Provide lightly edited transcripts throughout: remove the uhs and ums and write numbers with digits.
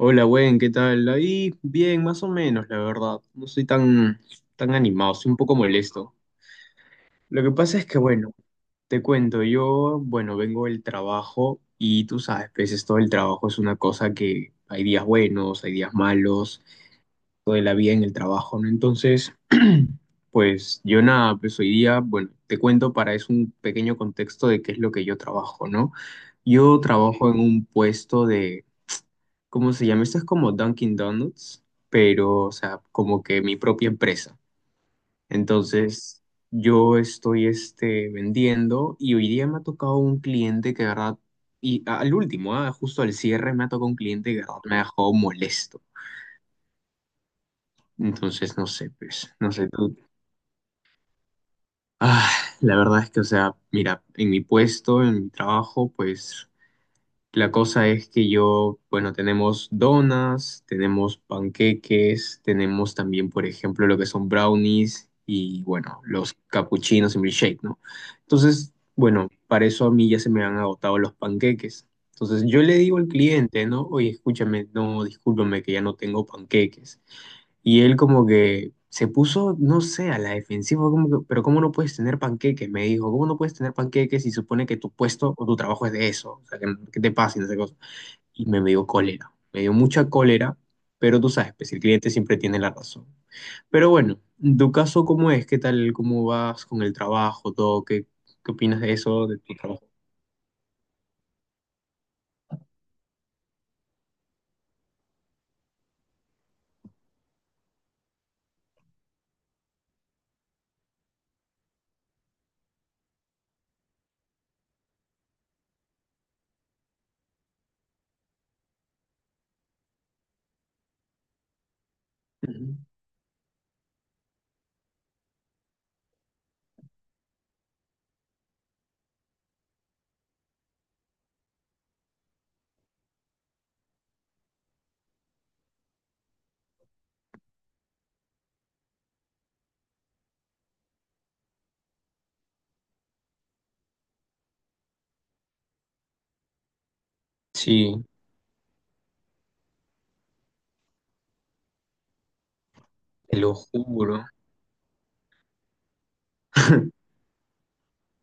Hola, buen, ¿qué tal? Ahí bien, más o menos, la verdad. No soy tan animado, soy un poco molesto. Lo que pasa es que, bueno, te cuento, yo, bueno, vengo del trabajo y tú sabes, pues es todo el trabajo es una cosa que hay días buenos, hay días malos, toda la vida en el trabajo, ¿no? Entonces, pues yo nada, pues hoy día, bueno, te cuento para es un pequeño contexto de qué es lo que yo trabajo, ¿no? Yo trabajo en un puesto, ¿cómo se llama? Esto es como Dunkin' Donuts, pero, o sea, como que mi propia empresa. Entonces, yo estoy vendiendo y hoy día me ha tocado un cliente que, de verdad, y al último, justo al cierre, me ha tocado un cliente que, de verdad, me ha dejado molesto. Entonces, no sé, pues, no sé tú. Ah, la verdad es que, o sea, mira, en mi puesto, en mi trabajo, pues. La cosa es que yo, bueno, tenemos donas, tenemos panqueques, tenemos también, por ejemplo, lo que son brownies y, bueno, los capuchinos y milkshake, ¿no? Entonces, bueno, para eso a mí ya se me han agotado los panqueques. Entonces yo le digo al cliente, ¿no? Oye, escúchame, no, discúlpame que ya no tengo panqueques. Y él como que se puso, no sé, a la defensiva, como que, pero ¿cómo no puedes tener panqueques? Me dijo, ¿cómo no puedes tener panqueques si supone que tu puesto o tu trabajo es de eso? O sea, que, no, que te pasa y no sé qué cosa. Y me dio cólera, me dio mucha cólera, pero tú sabes, pues el cliente siempre tiene la razón. Pero bueno, en tu caso, ¿cómo es? ¿Qué tal? ¿Cómo vas con el trabajo? ¿Todo? ¿Qué opinas de eso, de tu trabajo? Ujú. Sí, te lo juro.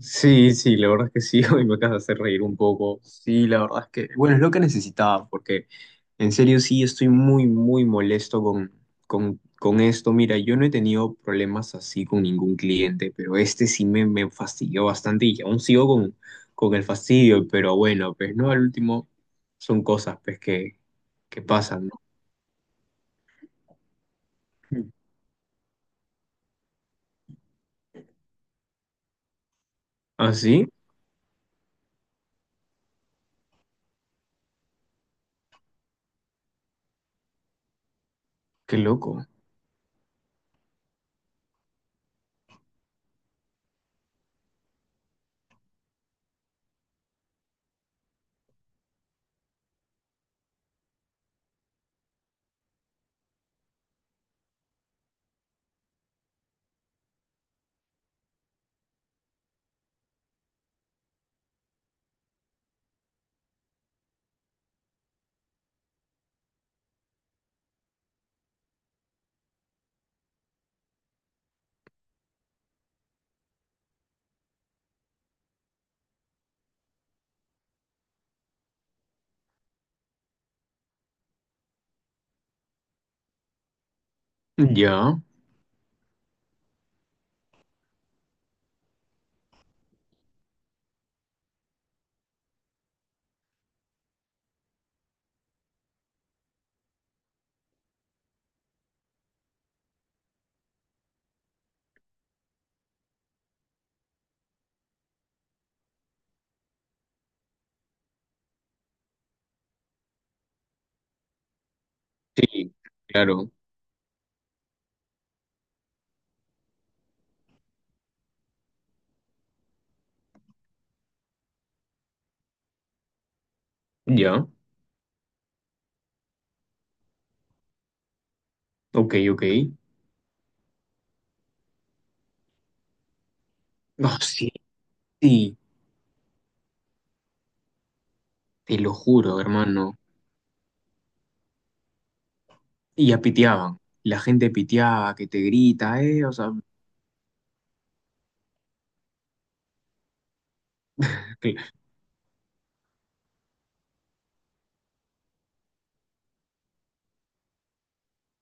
Sí, sí, la verdad es que sí, hoy me acabas de hacer reír un poco. Sí, la verdad es que, bueno, es lo que necesitaba, porque en serio sí estoy muy, muy molesto con esto. Mira, yo no he tenido problemas así con ningún cliente, pero este sí me fastidió bastante y aún sigo con el fastidio, pero bueno, pues no, al último son cosas pues que pasan, ¿no? Mm. ¿Ah, sí? Qué loco. Mm. Ya, sí, claro, ya, ok, ok. Ah, sí, sí. Te lo juro, hermano. Y ya piteaban. La gente piteaba, que te grita, o sea, qué,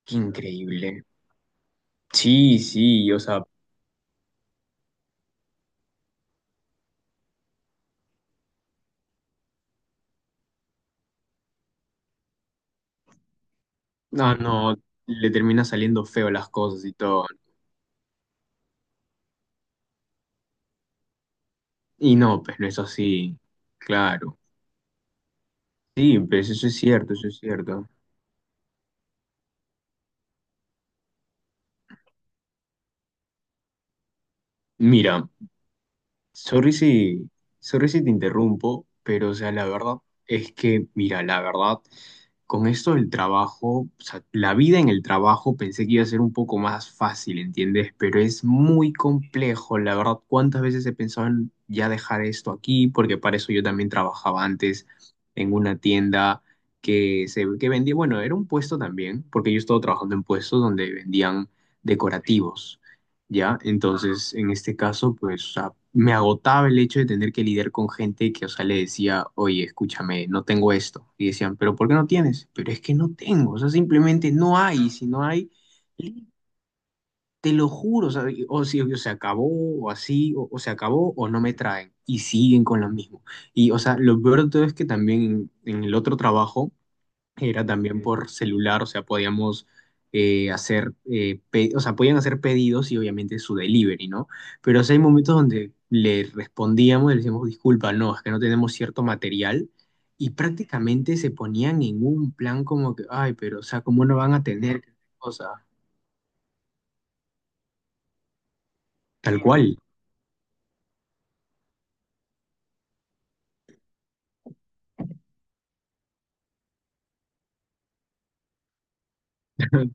qué increíble. Sí, sí, o sea, no, no, le termina saliendo feo las cosas y todo. Y no, pues no es así, claro. Sí, pues eso es cierto, eso es cierto. Mira, sorry si, sorry si te interrumpo, pero o sea, la verdad es que, mira, la verdad, con esto del trabajo, o sea, la vida en el trabajo pensé que iba a ser un poco más fácil, ¿entiendes? Pero es muy complejo, la verdad, ¿cuántas veces he pensado en ya dejar esto aquí? Porque para eso yo también trabajaba antes en una tienda que vendía, bueno, era un puesto también, porque yo estaba trabajando en puestos donde vendían decorativos. ¿Ya? Entonces, en este caso, pues, o sea, me agotaba el hecho de tener que lidiar con gente que, o sea, le decía, oye, escúchame, no tengo esto. Y decían, pero ¿por qué no tienes? Pero es que no tengo, o sea, simplemente no hay, y si no hay, li- te lo juro, o sea, o, si, o se acabó, o así, o se acabó, o no me traen, y siguen con lo mismo. Y, o sea, lo peor de todo es que también en el otro trabajo, era también por celular, o sea, podíamos hacer, o sea, podían hacer pedidos y obviamente su delivery, ¿no? Pero sí hay momentos donde le respondíamos y le decíamos, disculpa, no, es que no tenemos cierto material y prácticamente se ponían en un plan como que, ay, pero, o sea, ¿cómo no van a tener cosa? Tal cual,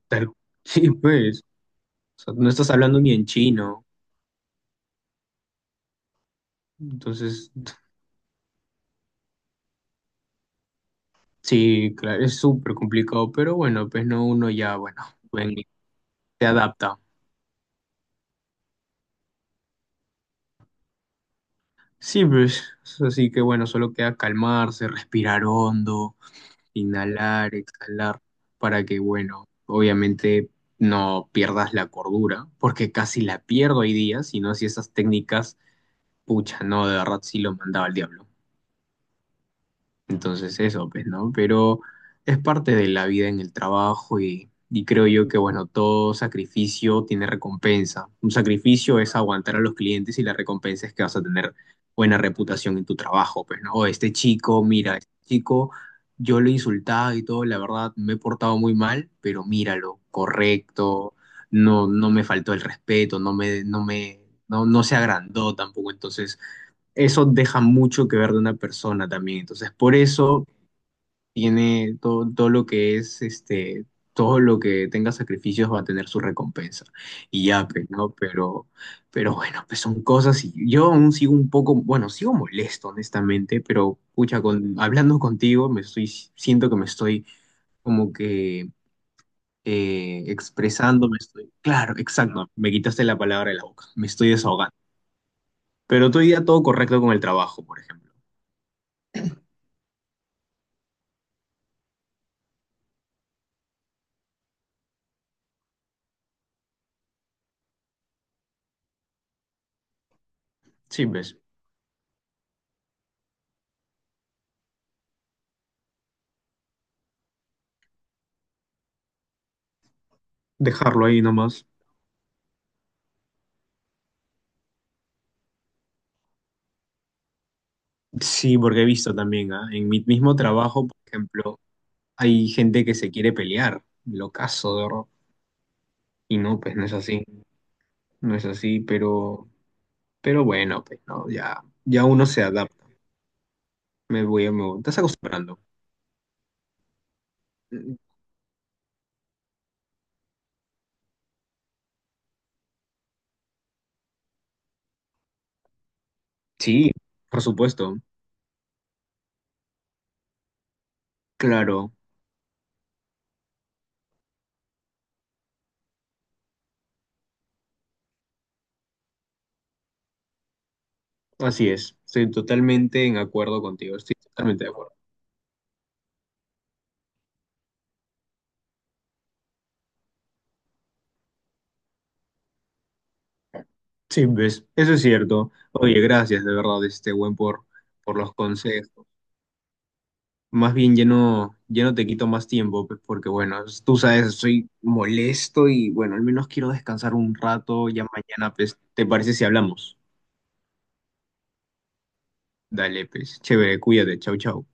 tal, sí, pues, o sea, no estás hablando ni en chino, entonces, sí, claro, es súper complicado, pero bueno, pues no, uno ya, bueno, se adapta. Sí, pues, así que bueno, solo queda calmarse, respirar hondo, inhalar, exhalar, para que, bueno, obviamente no pierdas la cordura, porque casi la pierdo hoy día, si no, si esas técnicas, pucha, no, de verdad sí lo mandaba al diablo. Entonces eso, pues, ¿no? Pero es parte de la vida en el trabajo y creo yo que, bueno, todo sacrificio tiene recompensa. Un sacrificio es aguantar a los clientes y la recompensa es que vas a tener buena reputación en tu trabajo, pues, ¿no? O este chico, mira, este chico, yo lo insultaba y todo, la verdad, me he portado muy mal, pero míralo, correcto, no, no me faltó el respeto, no, no se agrandó tampoco, entonces eso deja mucho que ver de una persona también. Entonces, por eso tiene todo, todo lo que es, todo lo que tenga sacrificios va a tener su recompensa. Y ya, pues, ¿no? Pero bueno, pues son cosas y yo aún sigo un poco, bueno, sigo molesto, honestamente, pero, pucha, con, hablando contigo, me estoy, siento que me estoy como que... expresando, me estoy, claro, exacto, me quitaste la palabra de la boca, me estoy desahogando. Pero estoy ya todo correcto con el trabajo, por ejemplo. Sí, pues, dejarlo ahí nomás. Sí, porque he visto también, ¿ah? En mi mismo trabajo, por ejemplo, hay gente que se quiere pelear, lo caso, de verdad. Y no, pues no es así, no es así, pero bueno, pues no, ya, ya uno se adapta. Me voy, me voy. Estás acostumbrando. Sí, por supuesto, claro, así es. Estoy totalmente en acuerdo contigo, estoy totalmente de acuerdo. Sí, ves, eso es cierto. Oye, gracias de verdad, este buen por los consejos. Más bien ya no, ya no te quito más tiempo, porque bueno, tú sabes, estoy molesto y bueno, al menos quiero descansar un rato, ya mañana, pues, ¿te parece si hablamos? Dale, pues, chévere, cuídate, chau, chau.